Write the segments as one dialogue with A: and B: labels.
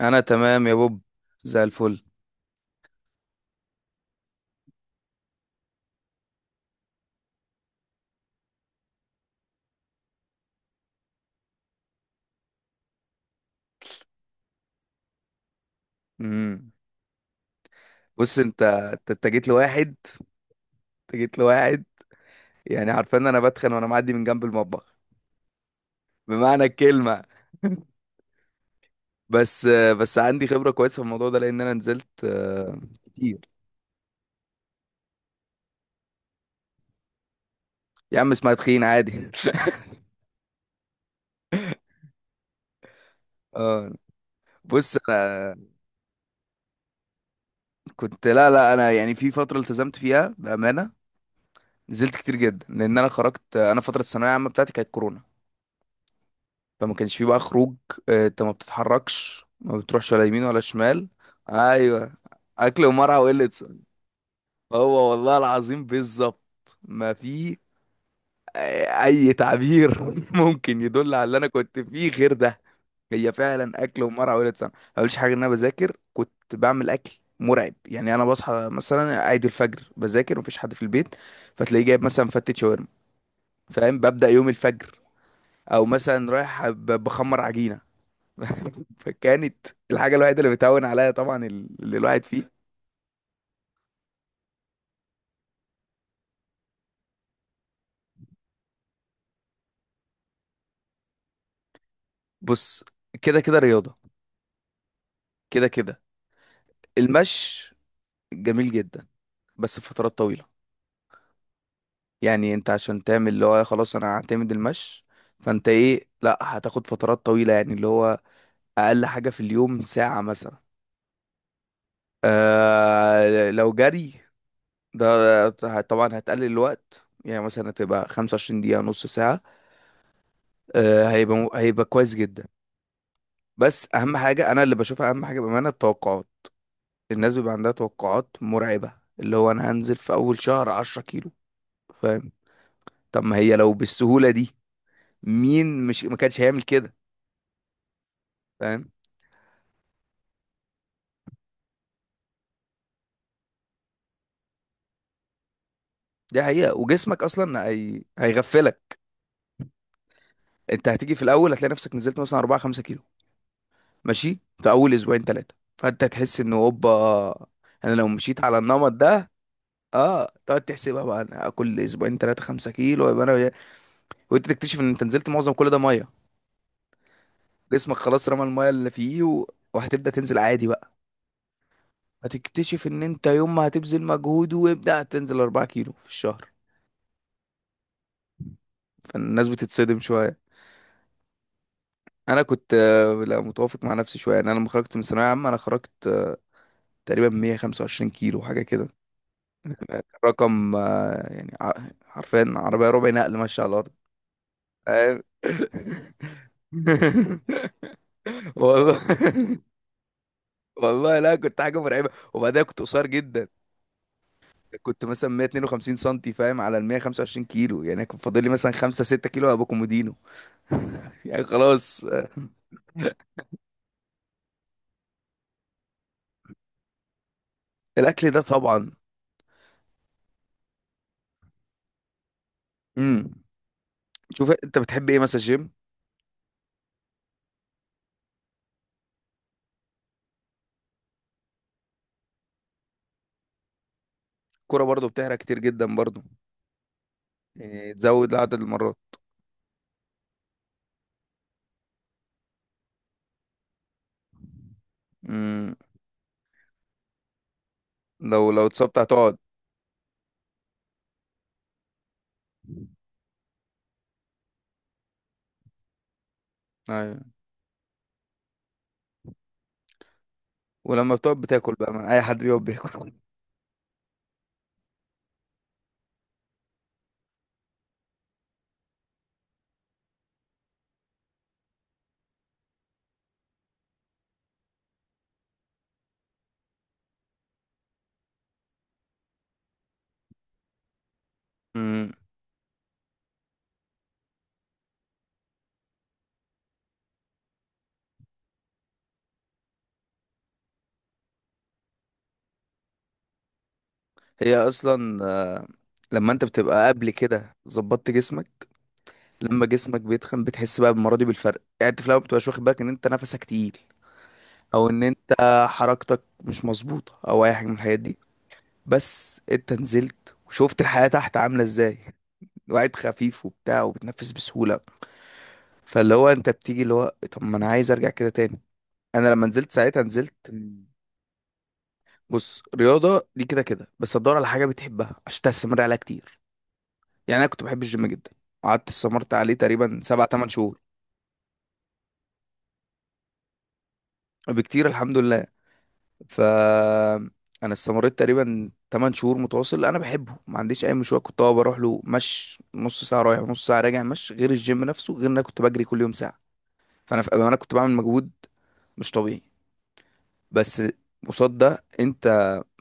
A: انا تمام يا بوب، زي الفل. امم. بص، انت انت أنت جيت لواحد. انت جيت لواحد. يعني عارفين إن انا بتخن وانا معدي من جنب المطبخ، بمعنى الكلمه. بس بس عندي خبره كويسه في الموضوع ده لان انا نزلت كتير. يا عم اسمها تخين عادي. اه، بص، انا كنت. لا لا، انا يعني في فتره التزمت فيها بامانه، نزلت كتير جدا. لان انا خرجت، فتره الثانويه العامه بتاعتي كانت كورونا، فما كانش فيه بقى خروج. انت ما بتتحركش، ما بتروحش ولا يمين ولا شمال. ايوه، اكل ومرعى وقلة. هو والله العظيم بالظبط ما في اي تعبير ممكن يدل على اللي انا كنت فيه غير ده. هي فعلا اكل ومرعى وقلة سمع. ما قلتش حاجه ان انا بذاكر كنت بعمل اكل مرعب. يعني انا بصحى مثلا عيد الفجر بذاكر، مفيش حد في البيت، فتلاقيه جايب مثلا فتة شاورما، فاهم؟ ببدأ يوم الفجر، او مثلا بخمر عجينة. فكانت الحاجة الوحيدة اللي بتهون عليا طبعا اللي الواحد فيه. بص، كده كده رياضة، كده كده المشي، جميل جدا، بس فترات طويلة. يعني انت عشان تعمل اللي هو خلاص انا هعتمد المشي، فانت ايه، لا، هتاخد فترات طويلة، يعني اللي هو اقل حاجة في اليوم ساعة مثلا. لو جري ده طبعا هتقلل الوقت، يعني مثلا هتبقى 25 دقيقة، نص ساعة. هيبقى كويس جدا. بس اهم حاجه انا اللي بشوفها، اهم حاجه بامانه، التوقعات. الناس بيبقى عندها توقعات مرعبه، اللي هو انا هنزل في اول شهر 10 كيلو، فاهم؟ طب ما هي لو بالسهوله دي مين مش ما كانش هيعمل كده؟ فاهم. دي حقيقه، وجسمك اصلا هيغفلك. انت هتيجي في الاول هتلاقي نفسك نزلت مثلا 4 5 كيلو، ماشي في اول اسبوعين ثلاثه، فانت تحس انه اوبا، انا لو مشيت على النمط ده اه تقعد تحسبها بقى، انا كل اسبوعين ثلاثه 5 كيلو يبقى انا. وانت تكتشف ان انت نزلت معظم كل ده ميه. جسمك خلاص رمى المايه اللي فيه. وهتبدأ تنزل عادي بقى. هتكتشف ان انت يوم ما هتبذل مجهود وابدأ تنزل 4 كيلو في الشهر. فالناس بتتصدم شوية. انا كنت لا متوافق مع نفسي شوية. يعني انا لما خرجت من ثانوية عامة انا خرجت تقريبا 125 كيلو حاجة كده. رقم يعني حرفيا عربية ربع نقل ماشية على الارض، فاهم؟ والله، والله، لا كنت حاجة مرعبة. وبعدها كنت قصير جدا، كنت مثلا 152 سنتي، فاهم على ال 125 كيلو؟ يعني كان فاضل لي مثلا 5 6 كيلو ابقى كومودينو. يعني خلاص. الاكل ده طبعا. امم. شوف انت بتحب ايه، مثلا جيم؟ كرة برضو بتحرق كتير جدا برضو. إيه، تزود عدد المرات. امم. لو اتصبت هتقعد. ايوه، ولما بتقعد بتاكل بقى، من اي حد بيقعد بياكل. امم. هي اصلا لما انت بتبقى قبل كده ظبطت جسمك، لما جسمك بيتخن بتحس بقى بالمرة دي بالفرق. يعني انت في الاول بتبقاش واخد بالك ان انت نفسك تقيل، او ان انت حركتك مش مظبوطه، او اي حاجه من الحاجات دي. بس انت نزلت وشفت الحياه تحت عامله ازاي. الواحد خفيف وبتاع، وبتنفس بسهوله. فاللي هو انت بتيجي اللي هو طب ما انا عايز ارجع كده تاني. انا لما نزلت ساعتها نزلت. بص، رياضه دي كده كده، بس تدور على حاجه بتحبها عشان تستمر عليها كتير. يعني انا كنت بحب الجيم جدا، قعدت استمرت عليه تقريبا سبع تمن شهور. بكتير، الحمد لله. فانا استمريت تقريبا 8 شهور متواصل، انا بحبه، ما عنديش اي مشوار، كنت بروح له مش نص ساعه رايح ونص ساعه راجع، مش غير الجيم نفسه، غير ان انا كنت بجري كل يوم ساعه. فانا في انا كنت بعمل مجهود مش طبيعي. بس قصاد ده انت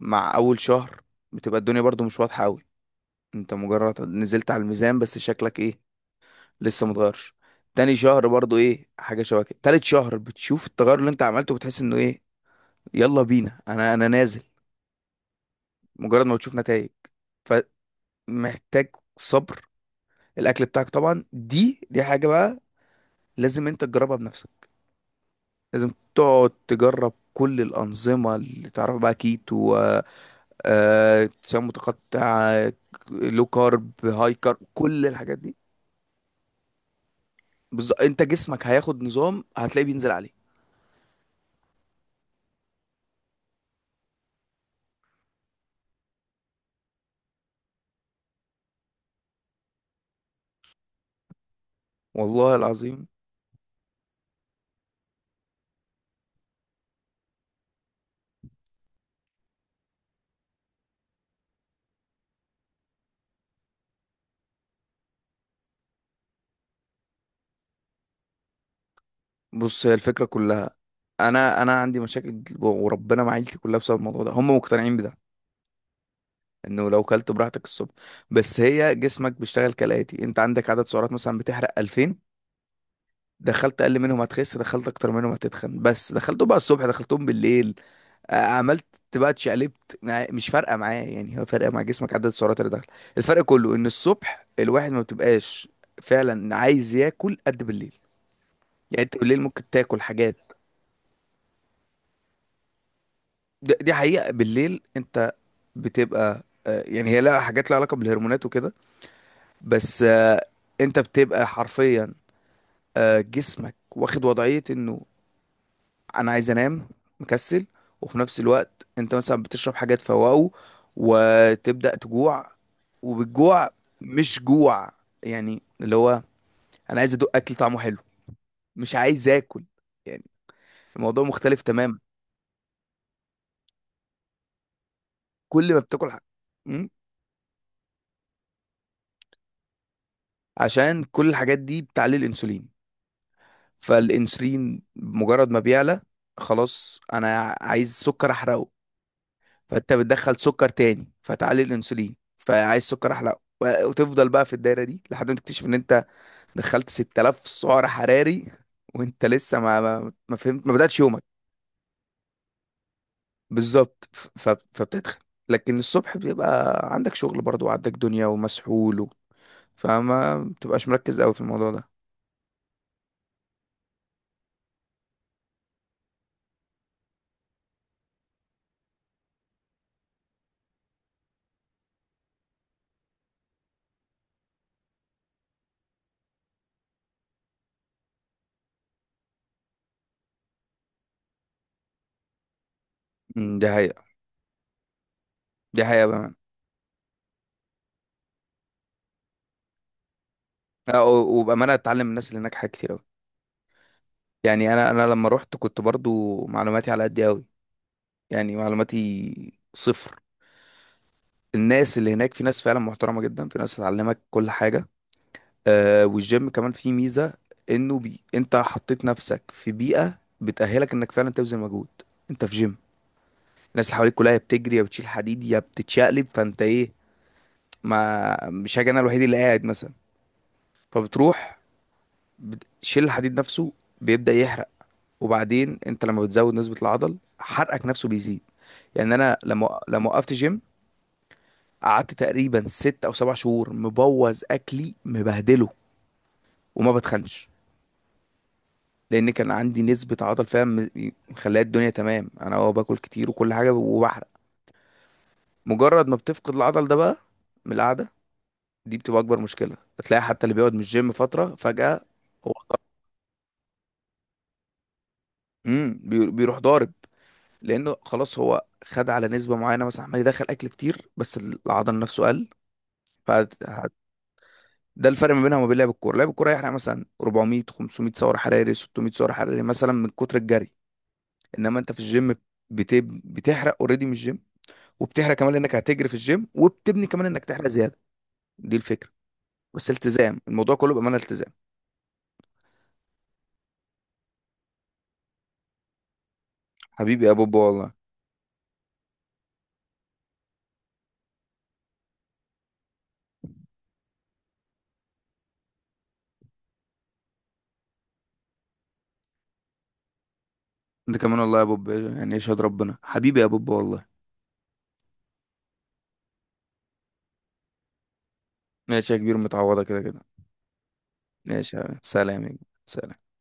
A: مع اول شهر بتبقى الدنيا برضو مش واضحه قوي. انت مجرد نزلت على الميزان، بس شكلك ايه، لسه متغيرش. تاني شهر برضو ايه حاجه شبه كده. تالت شهر بتشوف التغير اللي انت عملته، بتحس انه ايه، يلا بينا، انا نازل. مجرد ما بتشوف نتائج، فمحتاج صبر. الاكل بتاعك طبعا دي حاجه بقى، لازم انت تجربها بنفسك. لازم تقعد تجرب كل الانظمه اللي تعرف، بقى كيتو، صيام متقطع، لو كارب، هاي كارب، كل الحاجات دي. انت جسمك هياخد نظام هتلاقيه بينزل عليه. والله العظيم، بص، هي الفكره كلها. انا عندي مشاكل وربنا مع عيلتي كلها بسبب الموضوع ده، هم مقتنعين بده انه لو كلت براحتك الصبح. بس هي جسمك بيشتغل كالاتي: انت عندك عدد سعرات مثلا بتحرق 2000، دخلت اقل منهم هتخس، دخلت اكتر منهم هتتخن. بس دخلتهم بقى الصبح دخلتهم بالليل، عملت بقى اتشقلبت، مش فارقه معاه، يعني هو فارقه مع جسمك عدد السعرات اللي دخل. الفرق كله ان الصبح الواحد ما بتبقاش فعلا عايز ياكل قد بالليل. يعني انت بالليل ممكن تاكل حاجات، دي حقيقه. بالليل انت بتبقى يعني هي لها حاجات لها علاقه بالهرمونات وكده. بس. انت بتبقى حرفيا، جسمك واخد وضعية انه انا عايز انام، مكسل. وفي نفس الوقت انت مثلا بتشرب حاجة تفوقه، وتبدأ تجوع. وبالجوع مش جوع، يعني اللي هو انا عايز ادوق اكل طعمه حلو، مش عايز اكل، يعني الموضوع مختلف تماما. كل ما بتاكل حاجة، م? عشان كل الحاجات دي بتعلي الانسولين. فالانسولين مجرد ما بيعلى خلاص انا عايز سكر احرقه، فانت بتدخل سكر تاني، فتعلي الانسولين، فعايز سكر احلى. وتفضل بقى في الدايره دي لحد ما تكتشف ان انت دخلت 6000 سعر حراري، وانت لسه ما فهمت، ما بداتش يومك. بالظبط، فبتدخل. لكن الصبح بيبقى عندك شغل برضو، وعندك دنيا ومسحول. فما بتبقاش مركز قوي في الموضوع ده. دي حقيقة. دي حقيقة بأمانة. وبأمانة اتعلم من الناس اللي هناك حاجات كتير قوي. يعني انا لما رحت كنت برضو معلوماتي على قد قوي، يعني معلوماتي صفر. الناس اللي هناك في ناس فعلا محترمة جدا، في ناس هتعلمك كل حاجة. والجيم كمان فيه ميزة، انه انت حطيت نفسك في بيئة بتأهلك انك فعلا تبذل مجهود. انت في جيم، الناس اللي حواليك كلها يا بتجري يا بتشيل حديد يا بتتشقلب، فانت ايه، ما مش هاجي انا الوحيد اللي قاعد مثلا. فبتروح بتشيل الحديد نفسه، بيبدأ يحرق. وبعدين انت لما بتزود نسبة العضل حرقك نفسه بيزيد. يعني انا لما وقفت جيم، قعدت تقريبا ست او سبع شهور مبوظ اكلي مبهدله وما بتخنش، لان كان عندي نسبة عضل، فاهم؟ مخليها الدنيا تمام، انا باكل كتير وكل حاجة وبحرق. مجرد ما بتفقد العضل ده بقى من القعدة دي، بتبقى اكبر مشكلة، بتلاقي حتى اللي بيقعد من الجيم فترة فجأة. هو بيروح ضارب، لانه خلاص هو خد على نسبة معينة مثلا، عمال يدخل اكل كتير بس العضل نفسه قل. ف ده الفرق ما بينها وما بين لعب الكوره. لعب الكوره يحرق مثلا 400 500 سعر حراري، 600 سعر حراري مثلا من كتر الجري. انما انت في الجيم بت... بتحرق اوريدي من الجيم، وبتحرق كمان لانك هتجري في الجيم، وبتبني كمان انك تحرق زياده. دي الفكره. بس التزام الموضوع كله بامانه التزام. حبيبي يا بوب، والله. انت كمان والله يا بوب، يعني يشهد ربنا، حبيبي يا بوب، والله. ماشي يا كبير، متعوضه كده كده. ماشي يا حبيبي. سلام يا كبير. سلام.